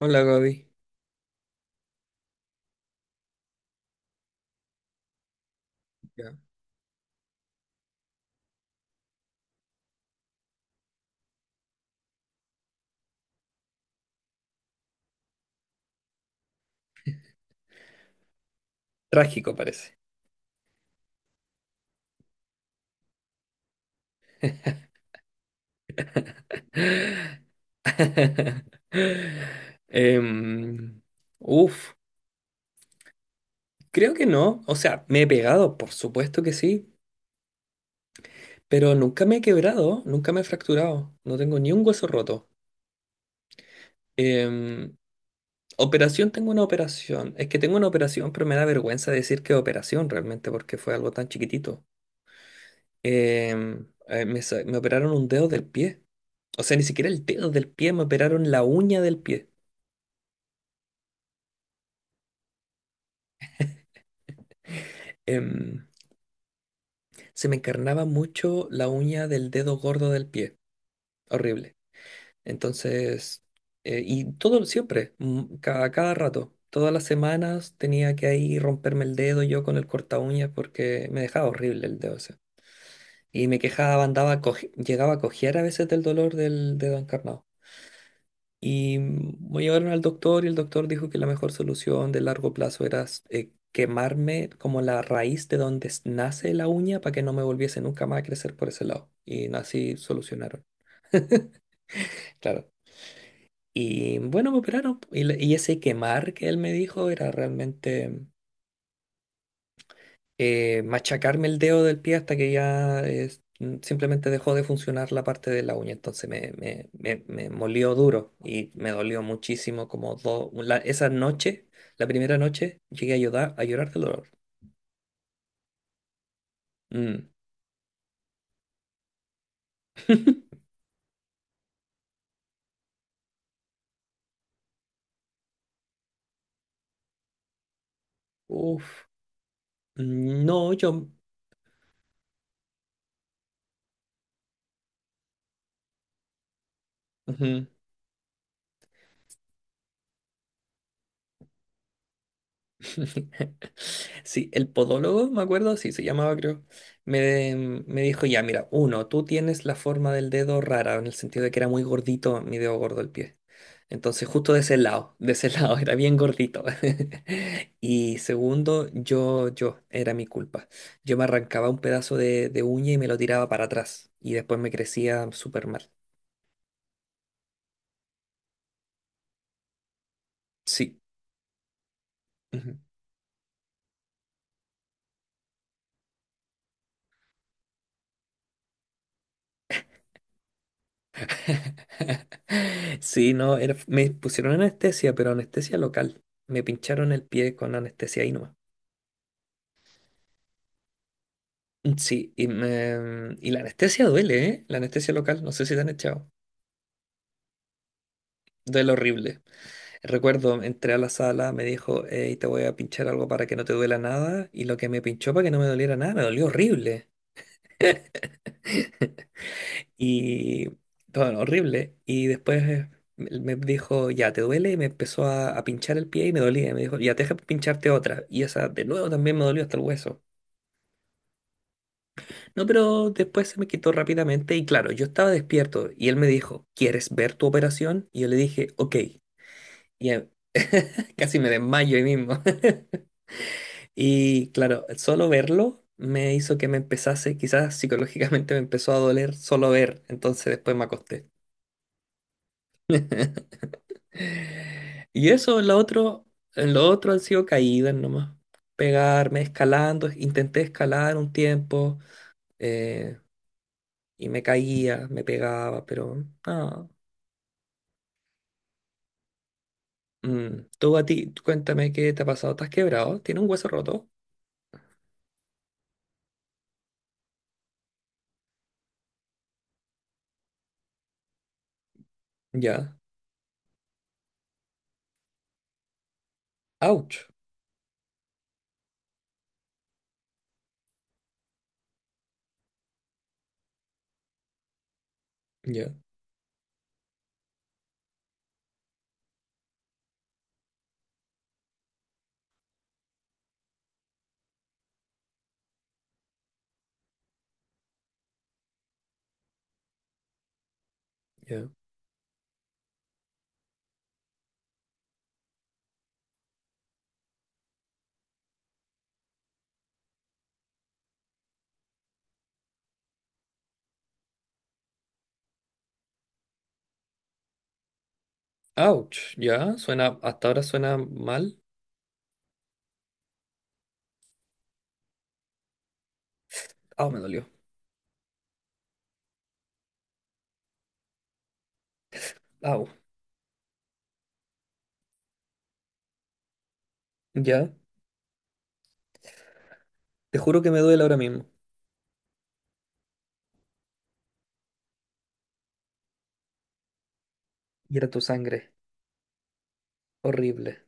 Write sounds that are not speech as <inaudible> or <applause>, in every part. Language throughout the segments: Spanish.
Hola Gaby. Ya. Trágico parece. <laughs> Em, uf, creo que no. O sea, me he pegado, por supuesto que sí, pero nunca me he quebrado, nunca me he fracturado. No tengo ni un hueso roto. Em, Operación, tengo una operación. Es que tengo una operación, pero me da vergüenza decir que operación realmente, porque fue algo tan chiquitito. Me operaron un dedo del pie. O sea, ni siquiera el dedo del pie, me operaron la uña del pie. Em, Se me encarnaba mucho la uña del dedo gordo del pie. Horrible. Entonces, y todo siempre, cada rato, todas las semanas tenía que ahí romperme el dedo yo con el corta uñas porque me dejaba horrible el dedo ese. Y me quejaba, andaba, llegaba a cojear a veces del dolor del dedo encarnado. Y me llevaron al doctor y el doctor dijo que la mejor solución de largo plazo era quemarme como la raíz de donde nace la uña para que no me volviese nunca más a crecer por ese lado. Y no, así solucionaron, claro. Y bueno, me operaron. Y, y ese quemar que él me dijo era realmente... machacarme el dedo del pie hasta que ya simplemente dejó de funcionar la parte de la uña. Entonces me molió duro y me dolió muchísimo como dos... esa noche, la primera noche, llegué a llorar del dolor. Mm. <laughs> Uf. No, yo... ujú. <laughs> Sí, el podólogo, me acuerdo, sí, se llamaba, creo. Me dijo, ya, mira, uno, tú tienes la forma del dedo rara, en el sentido de que era muy gordito, mi dedo gordo el pie. Entonces, justo de ese lado, de ese <laughs> lado, era bien gordito. <laughs> Y segundo, era mi culpa. Yo me arrancaba un pedazo de uña y me lo tiraba para atrás. Y después me crecía súper mal. Sí. <laughs> Sí, no, me pusieron anestesia, pero anestesia local. Me pincharon el pie con anestesia ahí nomás. Mm, sí, y la anestesia duele, ¿eh? La anestesia local, no sé si te han echado. Duele horrible. Recuerdo, entré a la sala, me dijo, hey, te voy a pinchar algo para que no te duela nada. Y lo que me pinchó para que no me doliera nada, me dolió horrible. Y todo horrible. Y después me dijo, ya, ¿te duele? Y me empezó a pinchar el pie y me dolía. Y me dijo, ya, deja pincharte otra. Y esa de nuevo también me dolió hasta el hueso. No, pero después se me quitó rápidamente y claro, yo estaba despierto. Y él me dijo, ¿quieres ver tu operación? Y yo le dije, ok. Y <laughs> casi me desmayo ahí mismo. <laughs> Y claro, solo verlo me hizo que me empezase, quizás psicológicamente me empezó a doler solo ver. Entonces después me acosté. <laughs> Y eso, en lo otro han sido caídas nomás. Pegarme, escalando, intenté escalar un tiempo eh, y me caía, me pegaba, pero no. Mm, tú a ti, tú cuéntame qué te ha pasado. ¿Estás quebrado? ¿Tienes un hueso roto? Ya. Ouch. Ya, ya. Ouch. Ya. Suena, hasta ahora suena mal. Au, me dolió. Au. Ya. Te juro que me duele ahora mismo. Y era tu sangre. Horrible.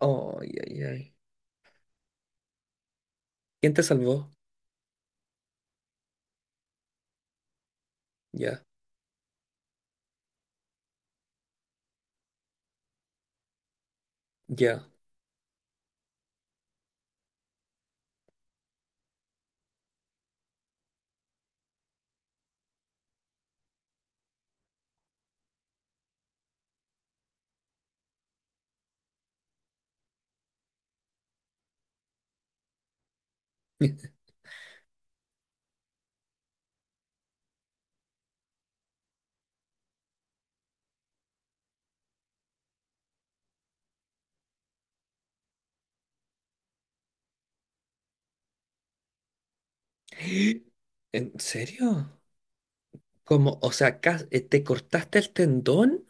Ay, ay, ay. ¿Quién te salvó? Ya. Ya. <laughs> ¿En serio? ¿Cómo? O sea, ¿te cortaste el tendón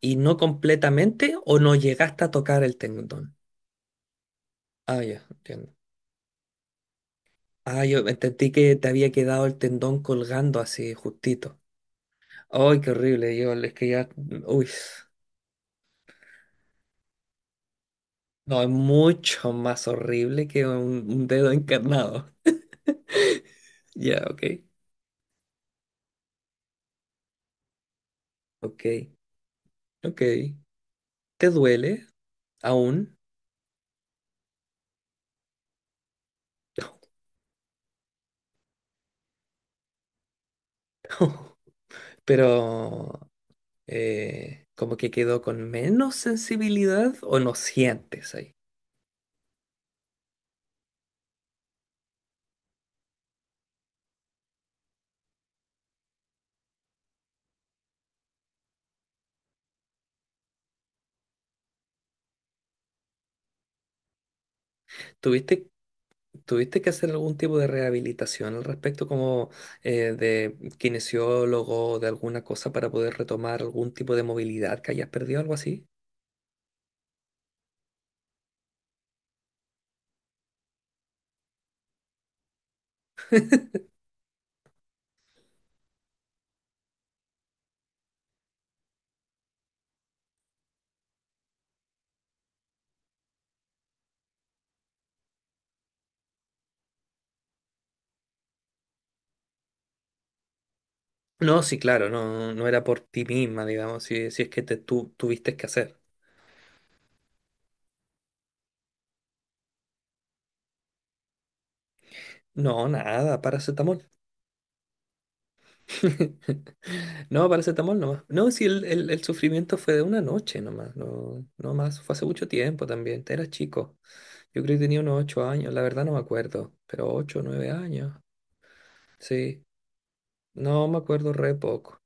y no completamente o no llegaste a tocar el tendón? Ah, ya, entiendo. Ah, yo entendí que te había quedado el tendón colgando así justito. Ay, qué horrible, yo es que ya, uy, no, es mucho más horrible que un dedo encarnado. Ya, ok, ok, ok. ¿Te duele aún? <laughs> Pero como que quedó con menos sensibilidad o no sientes ahí. ¿Tuviste, ¿tuviste que hacer algún tipo de rehabilitación al respecto, como de kinesiólogo o de alguna cosa para poder retomar algún tipo de movilidad que hayas perdido, algo así? No, sí, claro, no, no era por ti misma, digamos, si es que te, tú tuviste que hacer. No, nada, paracetamol. <laughs> No, paracetamol nomás. No, si el sufrimiento fue de una noche nomás, no, no más, fue hace mucho tiempo también, era chico. Yo creo que tenía unos ocho años, la verdad no me acuerdo, pero ocho, nueve años, sí, no me acuerdo re poco.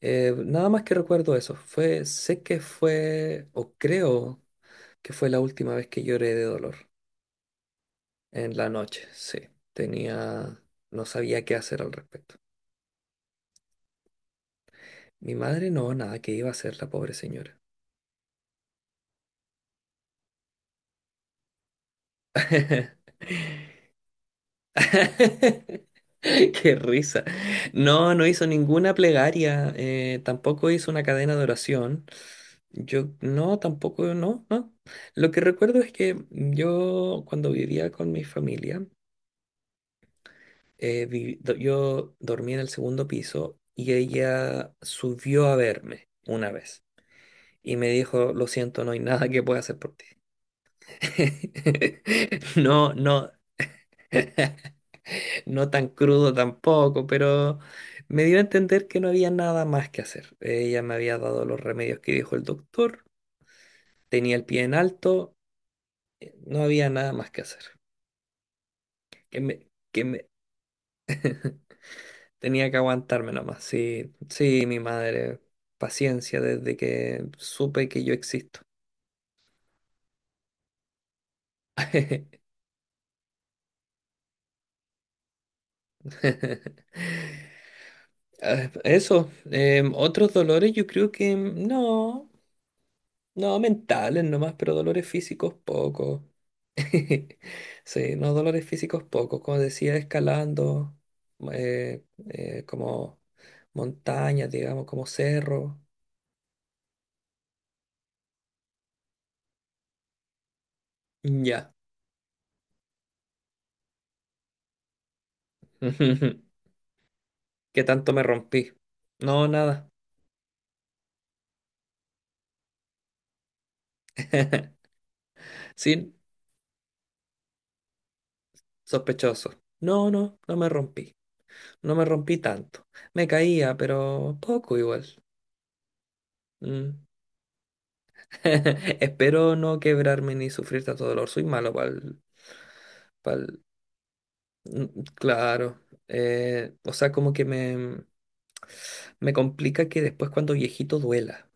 Nada más que recuerdo eso, fue, sé que fue, o creo que fue la última vez que lloré de dolor, en la noche, sí, tenía, no sabía qué hacer al respecto. Mi madre no, nada, ¿que iba a hacer la pobre señora? <laughs> <laughs> Qué risa. No, no hizo ninguna plegaria, tampoco hizo una cadena de oración. Yo no, tampoco, no, no. Lo que recuerdo es que yo cuando vivía con mi familia, yo dormía en el segundo piso y ella subió a verme una vez y me dijo, lo siento, no hay nada que pueda hacer por ti. <laughs> No, no, no tan crudo tampoco, pero me dio a entender que no había nada más que hacer. Ella me había dado los remedios que dijo el doctor, tenía el pie en alto, no había nada más que hacer. Que me tenía que aguantarme nomás. Sí, sí, mi madre, paciencia desde que supe que yo existo. <laughs> Ah, eso, otros dolores yo creo que no, no mentales nomás, pero dolores físicos poco. <laughs> Sí, no, dolores físicos pocos, como decía, escalando, eh, como montañas, digamos, como cerros. Ya. <laughs> ¿Qué tanto me rompí? No, nada. <laughs> Sin sospechoso. No, no, no me rompí. No me rompí tanto. Me caía, pero poco igual. Mm. <laughs> Espero no quebrarme ni sufrir tanto dolor. Soy malo para el mm, claro, o sea, como que me complica que después cuando viejito duela.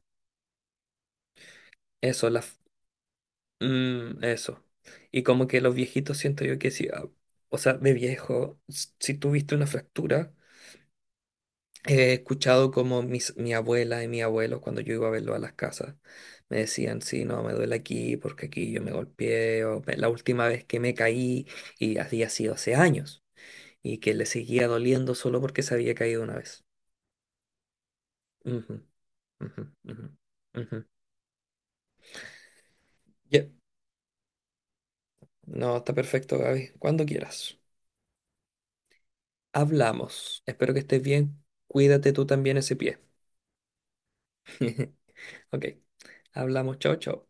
Eso, eso. Y como que los viejitos siento yo que sí, ah, o sea, de viejo, si tuviste una fractura, he escuchado como mi abuela y mi abuelo cuando yo iba a verlo a las casas, me decían, sí, no, me duele aquí porque aquí yo me golpeé, o "Me- la última vez que me caí y había sido hace años, y que le seguía doliendo solo porque se había caído una vez". Ujú, ujú, ujú, ujú. Ya. No, está perfecto, Gaby. Cuando quieras. Hablamos. Espero que estés bien. Cuídate tú también ese pie. <laughs> Ok. Hablamos. Chao, chao.